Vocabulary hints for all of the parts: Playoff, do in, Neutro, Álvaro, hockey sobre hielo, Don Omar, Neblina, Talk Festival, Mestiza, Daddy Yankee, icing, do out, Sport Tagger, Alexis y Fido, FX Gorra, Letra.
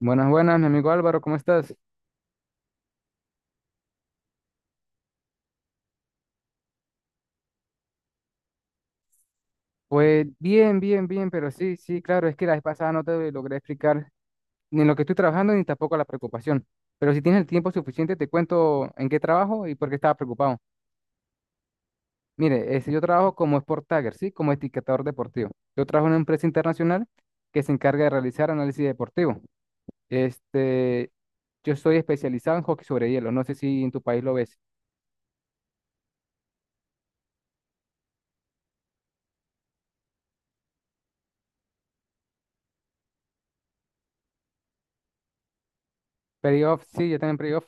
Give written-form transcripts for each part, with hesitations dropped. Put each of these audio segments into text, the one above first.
Buenas, buenas, mi amigo Álvaro, ¿cómo estás? Pues bien, bien, bien, pero sí, sí, claro, es que la vez pasada no te logré explicar ni lo que estoy trabajando ni tampoco la preocupación. Pero si tienes el tiempo suficiente, te cuento en qué trabajo y por qué estaba preocupado. Mire, yo trabajo como Sport Tagger, ¿sí? Como etiquetador deportivo. Yo trabajo en una empresa internacional que se encarga de realizar análisis deportivo. Este, yo soy especializado en hockey sobre hielo, no sé si en tu país lo ves. Playoff, sí, yo también playoff.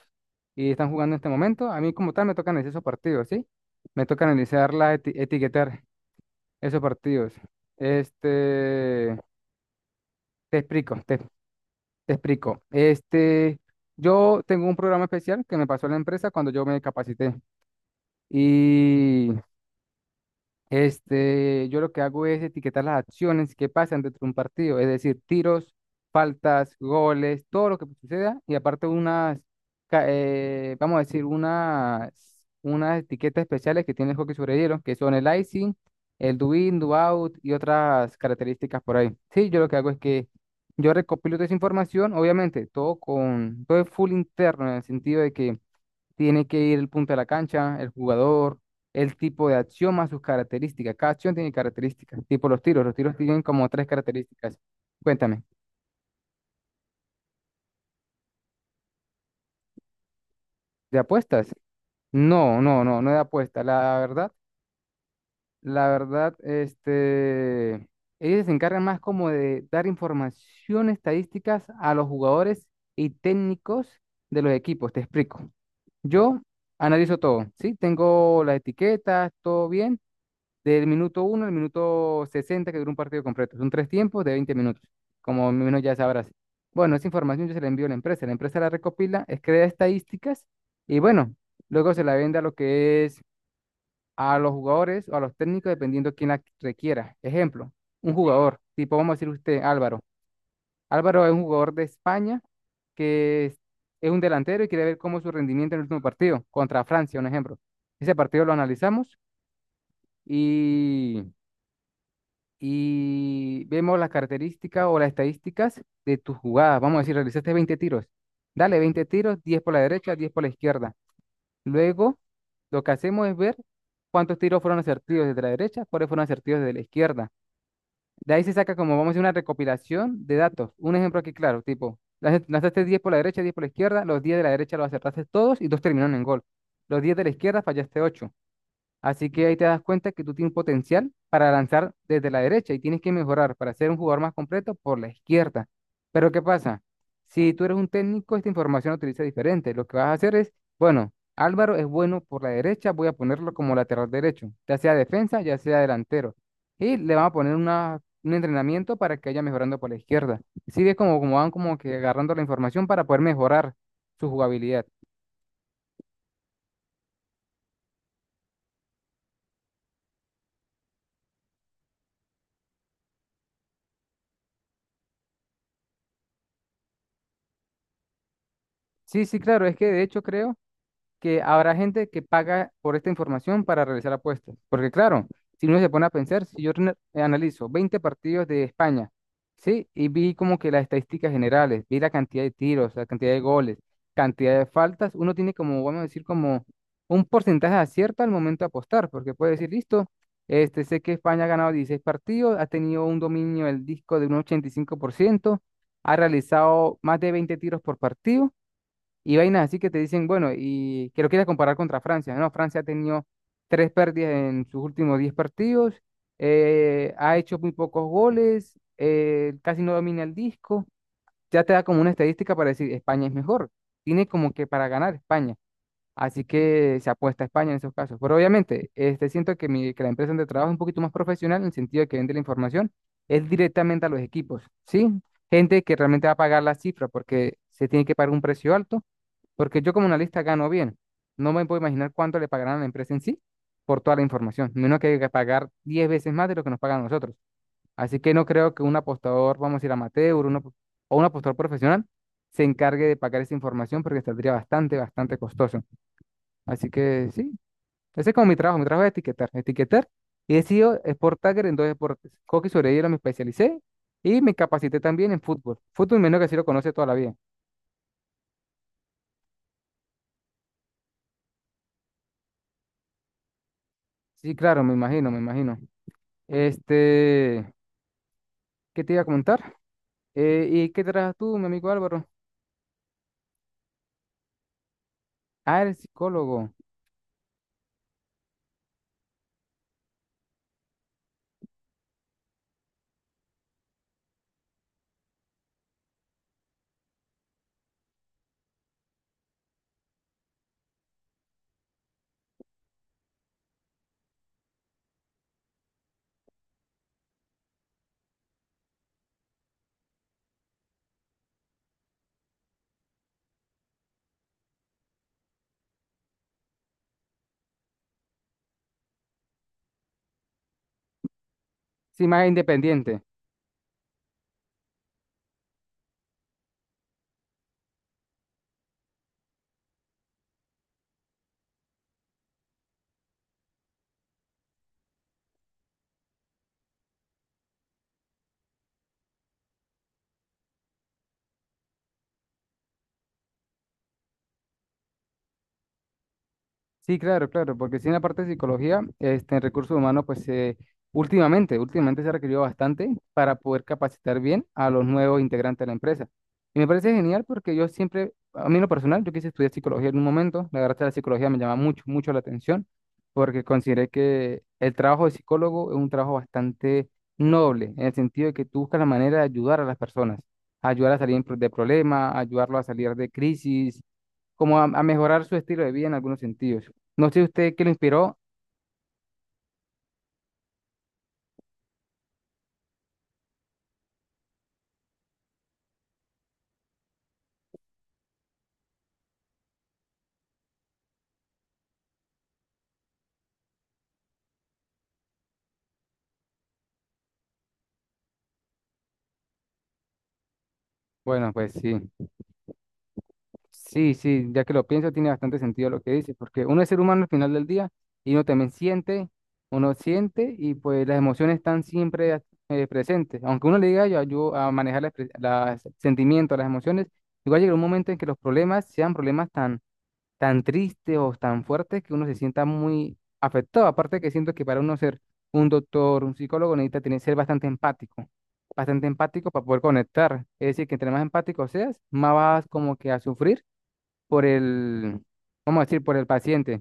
Y están jugando en este momento. A mí como tal me toca analizar esos partidos, ¿sí? Me toca analizar, la etiquetar esos partidos. Este, te explico, te explico. Yo tengo un programa especial que me pasó la empresa cuando yo me capacité. Y yo lo que hago es etiquetar las acciones que pasan dentro de un partido, es decir, tiros, faltas, goles, todo lo que suceda, y aparte vamos a decir, unas etiquetas especiales que tiene el hockey sobre hielo, que son el icing, el do in, do out y otras características por ahí. Sí, yo lo que hago es que yo recopilo toda esa información, obviamente, todo es full interno, en el sentido de que tiene que ir el punto de la cancha, el jugador, el tipo de acción más sus características. Cada acción tiene características, tipo los tiros. Los tiros tienen como tres características. Cuéntame. ¿De apuestas? No, no, no, no de apuestas. La verdad, ellos se encargan más como de dar información estadísticas a los jugadores y técnicos de los equipos. Te explico. Yo analizo todo, ¿sí? Tengo las etiquetas, todo bien. Del minuto uno al minuto 60 que dura un partido completo. Son tres tiempos de 20 minutos, como menos ya sabrás. Bueno, esa información yo se la envío a la empresa. La empresa la recopila, crea estadísticas y bueno, luego se la vende a lo que es a los jugadores o a los técnicos dependiendo quién la requiera. Ejemplo, un jugador, tipo vamos a decir usted, Álvaro. Álvaro es un jugador de España que es un delantero y quiere ver cómo es su rendimiento en el último partido contra Francia, un ejemplo. Ese partido lo analizamos y y vemos las características o las estadísticas de tus jugadas. Vamos a decir, realizaste 20 tiros. Dale 20 tiros, 10 por la derecha, 10 por la izquierda. Luego, lo que hacemos es ver cuántos tiros fueron asertivos desde la derecha, cuáles fueron asertivos desde la izquierda. De ahí se saca como, vamos a decir, una recopilación de datos. Un ejemplo aquí claro, tipo, lanzaste 10 por la derecha, 10 por la izquierda, los 10 de la derecha los acertaste todos y dos terminaron en gol. Los 10 de la izquierda fallaste ocho. Así que ahí te das cuenta que tú tienes potencial para lanzar desde la derecha y tienes que mejorar para ser un jugador más completo por la izquierda. Pero ¿qué pasa? Si tú eres un técnico, esta información la utiliza diferente. Lo que vas a hacer es, bueno, Álvaro es bueno por la derecha, voy a ponerlo como lateral derecho, ya sea defensa, ya sea delantero. Y le vamos a poner un entrenamiento para que vaya mejorando por la izquierda. Sí, ves como, como van como que agarrando la información para poder mejorar su jugabilidad. Sí, sí, claro, es que de hecho creo que habrá gente que paga por esta información para realizar apuestas. Porque claro, si uno se pone a pensar, si yo analizo 20 partidos de España, ¿sí? Y vi como que las estadísticas generales, vi la cantidad de tiros, la cantidad de goles, cantidad de faltas, uno tiene como, vamos a decir, como un porcentaje de acierto al momento de apostar, porque puede decir, listo, sé que España ha ganado 16 partidos, ha tenido un dominio del disco de un 85%. Ha realizado más de 20 tiros por partido y vainas así que te dicen, bueno, y que lo quieras comparar contra Francia, ¿no? Francia ha tenido tres pérdidas en sus últimos 10 partidos, ha hecho muy pocos goles, casi no domina el disco, ya te da como una estadística para decir, España es mejor, tiene como que para ganar España, así que se apuesta a España en esos casos. Pero obviamente, siento que, que la empresa donde trabajo es un poquito más profesional en el sentido de que vende la información, es directamente a los equipos, ¿sí? Gente que realmente va a pagar la cifra porque se tiene que pagar un precio alto porque yo como analista gano bien. No me puedo imaginar cuánto le pagarán a la empresa en sí por toda la información. Menos que hay que pagar 10 veces más de lo que nos pagan a nosotros. Así que no creo que un apostador, vamos a decir amateur, o un apostador profesional, se encargue de pagar esa información porque saldría bastante, bastante costoso. Así que sí, ese es como mi trabajo. Mi trabajo es etiquetar. Etiquetar. Y he sido sport tagger en dos deportes. Hockey sobre hielo me especialicé y me capacité también en fútbol. Fútbol menos que así lo conoce toda la vida. Sí, claro, me imagino, me imagino. Este... ¿Qué te iba a comentar? ¿Y qué trabajas tú, mi amigo Álvaro? Ah, eres psicólogo. Sí, más independiente. Sí, claro, claro, porque si en la parte de psicología, en recursos humanos, pues últimamente, últimamente se ha requerido bastante para poder capacitar bien a los nuevos integrantes de la empresa. Y me parece genial porque yo siempre, a mí en lo personal, yo quise estudiar psicología en un momento, la verdad es que la psicología me llama mucho, mucho la atención, porque consideré que el trabajo de psicólogo es un trabajo bastante noble, en el sentido de que tú buscas la manera de ayudar a las personas, ayudar a salir de problemas, ayudarlo a salir de crisis como a mejorar su estilo de vida en algunos sentidos. No sé usted qué lo inspiró. Bueno, pues sí, sí, sí, ya que lo pienso, tiene bastante sentido lo que dice, porque uno es ser humano al final del día y uno también siente, uno siente y pues las emociones están siempre presentes. Aunque uno le diga, yo ayudo a manejar los sentimientos, las emociones, igual llega un momento en que los problemas sean problemas tan tristes o tan fuertes que uno se sienta muy afectado. Aparte que siento que para uno ser un doctor, un psicólogo, necesita tener, ser bastante empático para poder conectar. Es decir, que entre más empático seas, más vas como que a sufrir por el, vamos a decir, por el paciente.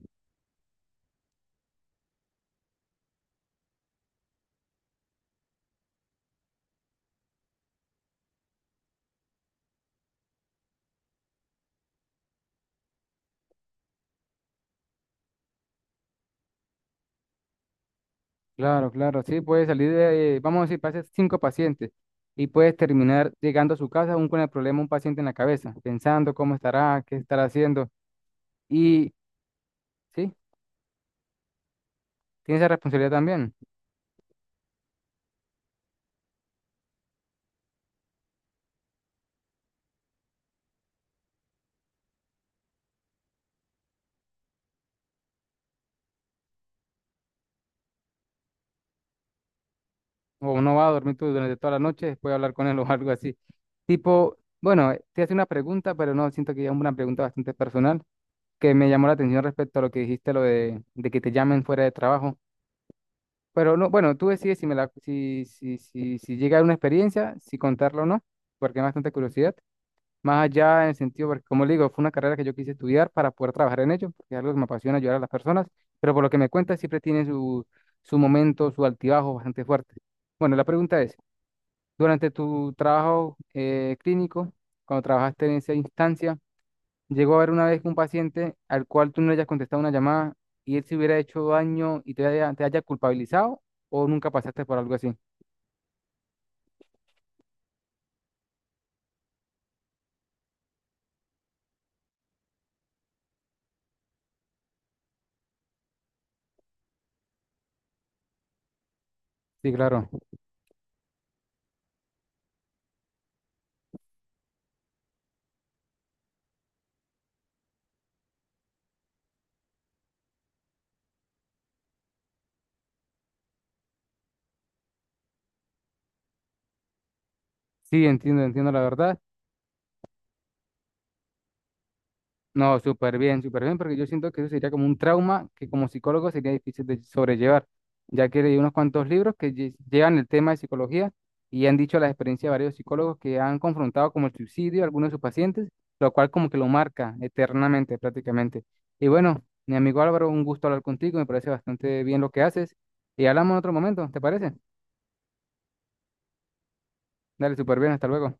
Claro, claro, sí, puede salir de, vamos a decir, pases cinco pacientes y puedes terminar llegando a su casa aún con el problema un paciente en la cabeza, pensando cómo estará, qué estará haciendo. Y sí, tienes esa responsabilidad también. O no va a dormir tú durante toda la noche, después hablar con él o algo así. Tipo, bueno, te hace una pregunta, pero no, siento que es una pregunta bastante personal, que me llamó la atención respecto a lo que dijiste, lo de que te llamen fuera de trabajo. Pero no, bueno, tú decides si me la, si, si, si, si llega a una experiencia, si contarlo o no, porque es bastante curiosidad. Más allá en el sentido, porque como le digo, fue una carrera que yo quise estudiar para poder trabajar en ello, porque es algo que me apasiona ayudar a las personas, pero por lo que me cuentas siempre tiene su, su momento, su altibajo bastante fuerte. Bueno, la pregunta es, durante tu trabajo clínico, cuando trabajaste en esa instancia, llegó a haber una vez un paciente al cual tú no le hayas contestado una llamada y él se hubiera hecho daño y te haya culpabilizado o nunca pasaste por algo así. Sí, claro. Sí, entiendo, entiendo la verdad. No, súper bien, porque yo siento que eso sería como un trauma que como psicólogo sería difícil de sobrellevar, ya que leí unos cuantos libros que llevan el tema de psicología y han dicho la experiencia de varios psicólogos que han confrontado como el suicidio a algunos de sus pacientes, lo cual como que lo marca eternamente prácticamente. Y bueno, mi amigo Álvaro, un gusto hablar contigo, me parece bastante bien lo que haces y hablamos en otro momento, ¿te parece? Dale, súper bien, hasta luego.